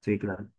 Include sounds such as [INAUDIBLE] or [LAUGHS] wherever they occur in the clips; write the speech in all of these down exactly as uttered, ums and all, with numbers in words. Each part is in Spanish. Sí, claro.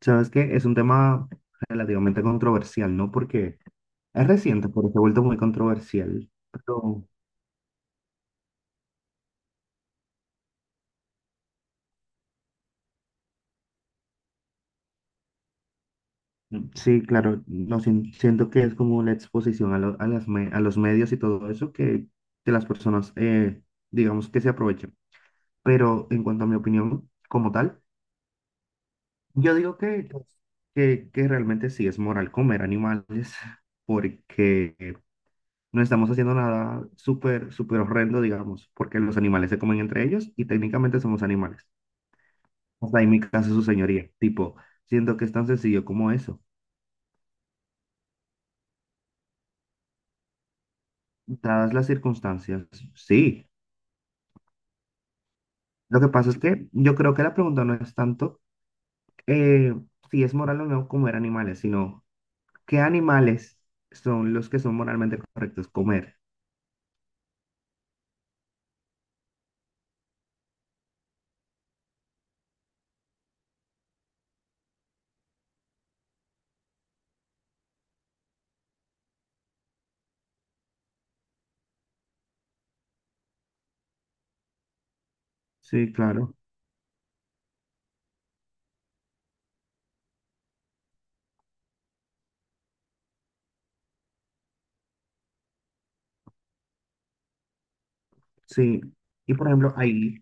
Sabes que es un tema relativamente controversial, ¿no? Porque es reciente, porque se ha vuelto muy controversial. Pero mm, sí, claro, no sien- siento que es como la exposición a, lo- a las me- a los medios y todo eso que, que las personas, eh, digamos, que se aprovechan. Pero en cuanto a mi opinión como tal, yo digo que, pues, que, que realmente sí es moral comer animales, [LAUGHS] porque no estamos haciendo nada súper, súper horrendo, digamos, porque los animales se comen entre ellos y técnicamente somos animales. Hasta ahí mi caso, su señoría. Tipo, siento que es tan sencillo como eso. Dadas las circunstancias, sí. Lo que pasa es que yo creo que la pregunta no es tanto eh, si es moral o no comer animales, sino qué animales son los que son moralmente correctos comer. Sí, claro. Sí. Y por ejemplo, ahí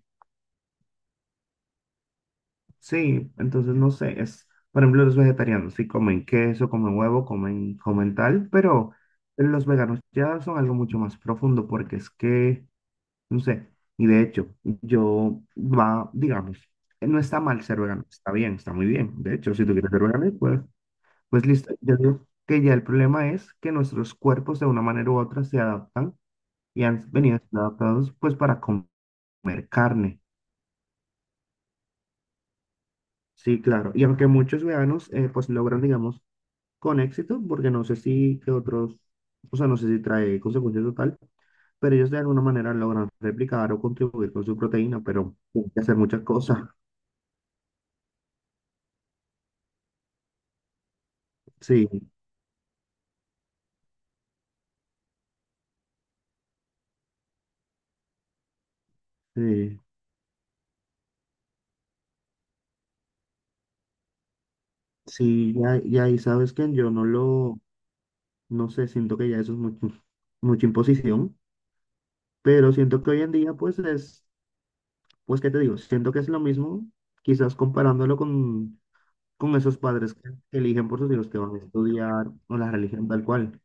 sí, entonces no sé, es, por ejemplo, los vegetarianos sí comen queso, comen huevo, comen, comen tal, pero los veganos ya son algo mucho más profundo porque es que, no sé, y de hecho, yo va, digamos, eh, no está mal ser vegano, está bien, está muy bien. De hecho, si tú quieres ser vegano, pues, pues listo. Yo digo que ya el problema es que nuestros cuerpos de una manera u otra se adaptan y han venido siendo adaptados pues para comer carne. Sí, claro. Y aunque muchos veganos eh, pues logran, digamos, con éxito, porque no sé si que otros, o sea, no sé si trae consecuencias total, pero ellos de alguna manera logran replicar o contribuir con su proteína, pero hay que hacer muchas cosas. Sí, sí, sí, ya, y ahí sabes que yo no lo, no sé, siento que ya eso es mucho, mucha imposición, pero siento que hoy en día, pues es, pues, ¿qué te digo? Siento que es lo mismo, quizás comparándolo con, con esos padres que eligen por sus hijos que van a estudiar o la religión tal cual.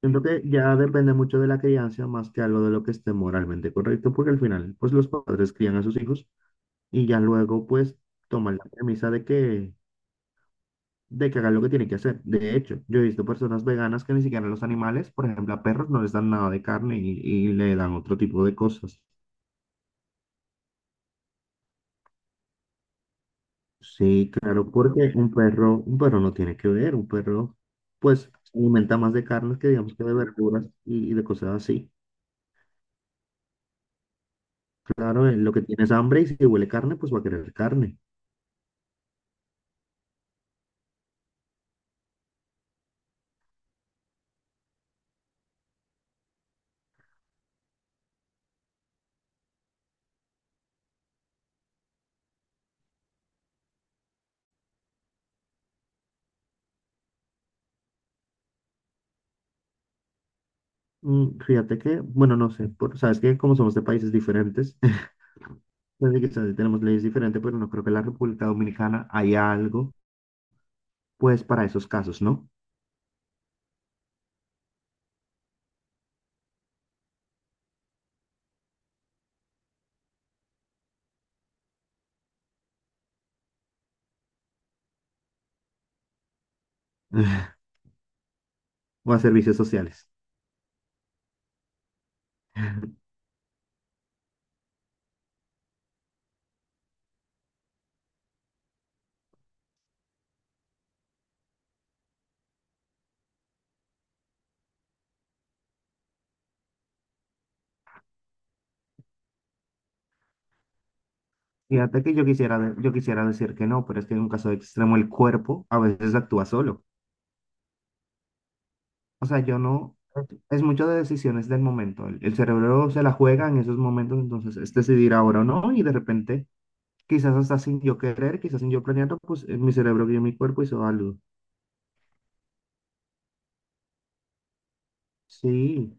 Siento que ya depende mucho de la crianza más que algo de lo que esté moralmente correcto, porque al final, pues los padres crían a sus hijos y ya luego, pues, toman la premisa de que, de que hagan lo que tienen que hacer. De hecho, yo he visto personas veganas que ni siquiera los animales, por ejemplo, a perros no les dan nada de carne y, y le dan otro tipo de cosas. Sí, claro, porque un perro, un perro no tiene que ver, un perro, pues, se alimenta más de carnes que digamos que de verduras y, y de cosas así. Claro, en lo que tienes hambre y si huele carne, pues va a querer carne. Mm, fíjate que, bueno, no sé, por, sabes que como somos de países diferentes, [LAUGHS] entonces quizás sí tenemos leyes diferentes, pero no creo que en la República Dominicana haya algo, pues, para esos casos, ¿no? [LAUGHS] O a servicios sociales. Fíjate que yo quisiera, de- yo quisiera decir que no, pero es que en un caso extremo el cuerpo a veces actúa solo. O sea, yo no, es mucho de decisiones del momento. El, el cerebro se la juega en esos momentos, entonces es decidir ahora o no, y de repente, quizás hasta sin yo querer, quizás sin yo planearlo, pues eh, mi cerebro guió mi cuerpo hizo algo. Sí.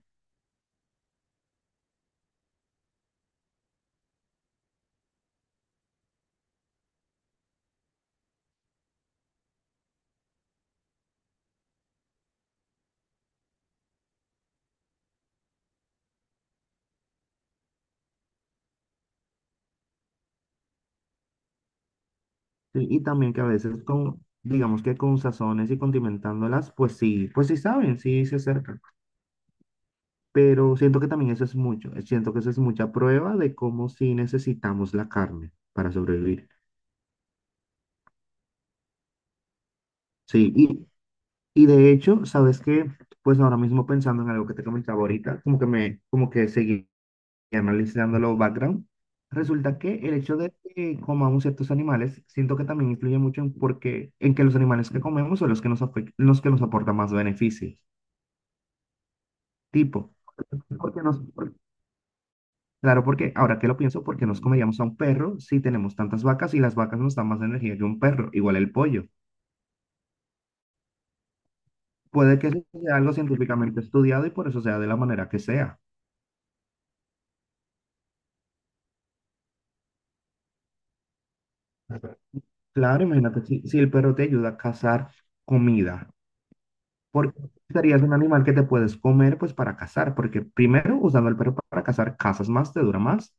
Sí, y también que a veces con, digamos que con sazones y condimentándolas, pues sí, pues sí saben, sí se acercan. Pero siento que también eso es mucho, eh, siento que eso es mucha prueba de cómo sí necesitamos la carne para sobrevivir. Sí, y, y de hecho, ¿sabes qué? Pues ahora mismo pensando en algo que te comentaba ahorita, como que me, como que seguí analizando los background, resulta que el hecho de que comamos ciertos animales, siento que también influye mucho en, porque, en que los animales que comemos son los que nos, afec- los que nos aportan más beneficio. Tipo, porque nos, por- claro, porque ahora que lo pienso, ¿por qué nos comeríamos a un perro si tenemos tantas vacas y las vacas nos dan más energía que un perro? Igual el pollo. Puede que sea algo científicamente estudiado y por eso sea de la manera que sea. Claro, imagínate, si, si el perro te ayuda a cazar comida, porque serías un animal que te puedes comer pues para cazar, porque primero usando el perro para cazar, cazas más, te dura más,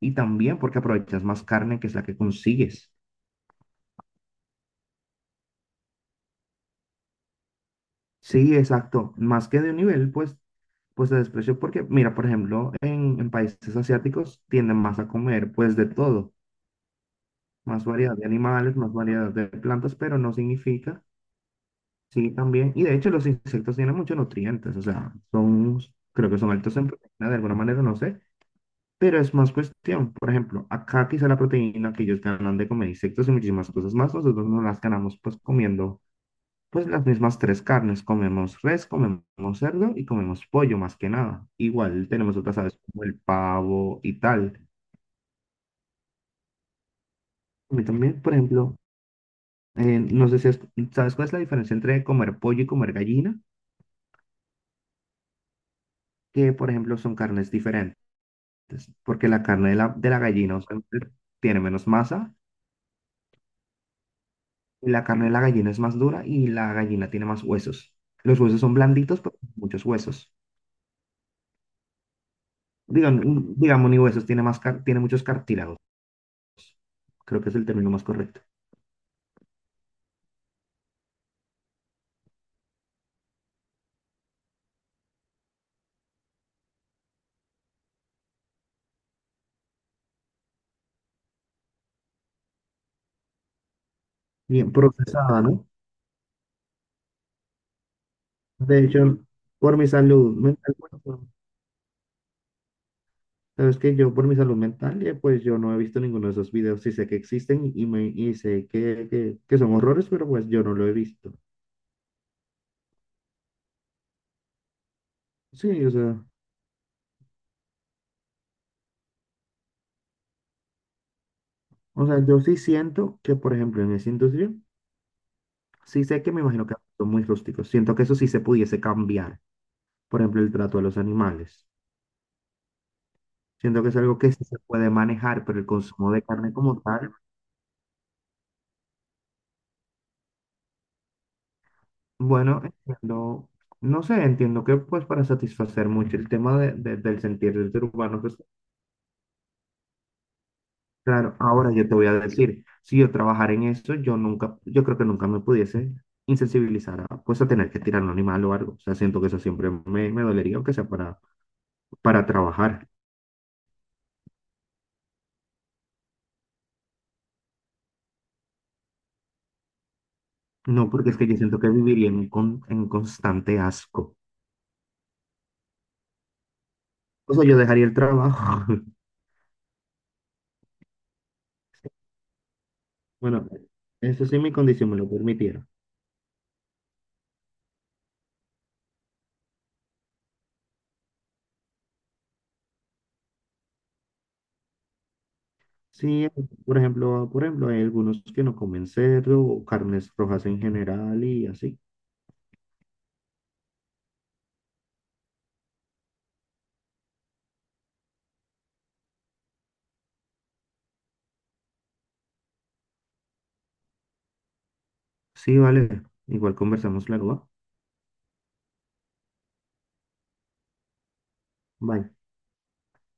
y también porque aprovechas más carne que es la que consigues. Sí, exacto. Más que de un nivel, pues, pues de desprecio, porque, mira, por ejemplo, en, en países asiáticos tienden más a comer, pues, de todo, más variedad de animales, más variedad de plantas, pero no significa, sí, también, y de hecho los insectos tienen muchos nutrientes, o sea, son, creo que son altos en proteína de alguna manera, no sé, pero es más cuestión, por ejemplo, acá quizá la proteína que ellos ganan de comer insectos y muchísimas cosas más, nosotros no las ganamos, pues, comiendo pues las mismas tres carnes. Comemos res, comemos cerdo y comemos pollo más que nada. Igual tenemos otras aves como el pavo y tal. A mí también, por ejemplo, eh, no sé si has- sabes cuál es la diferencia entre comer pollo y comer gallina, que por ejemplo son carnes diferentes, porque la carne de la, de la gallina usualmente tiene menos masa, y la carne de la gallina es más dura y la gallina tiene más huesos. Los huesos son blanditos, pero muchos huesos. Digan, digamos, ni huesos, tiene más car- tiene muchos cartílagos. Creo que es el término más correcto. Bien procesada, ¿no? De hecho, por mi salud mental, pues, no. Sabes que yo por mi salud mental, eh, pues yo no he visto ninguno de esos videos, sí sé que existen y, me, y sé que, que, que son horrores, pero pues yo no lo he visto. Sí, o sea, o sea, yo sí siento que, por ejemplo, en esa industria, sí sé que me imagino que son muy rústicos, siento que eso sí se pudiese cambiar, por ejemplo, el trato a los animales. Siento que es algo que sí se puede manejar, pero el consumo de carne como tal, bueno, entiendo, no sé, entiendo que pues para satisfacer mucho el tema de, de- del sentir del ser humano pues claro, ahora yo te voy a decir, si yo trabajara en eso, yo nunca, yo creo que nunca me pudiese insensibilizar a, pues a tener que tirar un animal o algo, o sea, siento que eso siempre me, me dolería, aunque sea para, para trabajar, no, porque es que yo siento que viviría en, con- en constante asco, o sea, yo dejaría el trabajo, [LAUGHS] bueno, eso sí mi condición me lo permitiera. Sí, por ejemplo, por ejemplo, hay algunos que no comen cerdo o carnes rojas en general y así. Sí, vale. Igual conversamos luego, ¿va? Bye.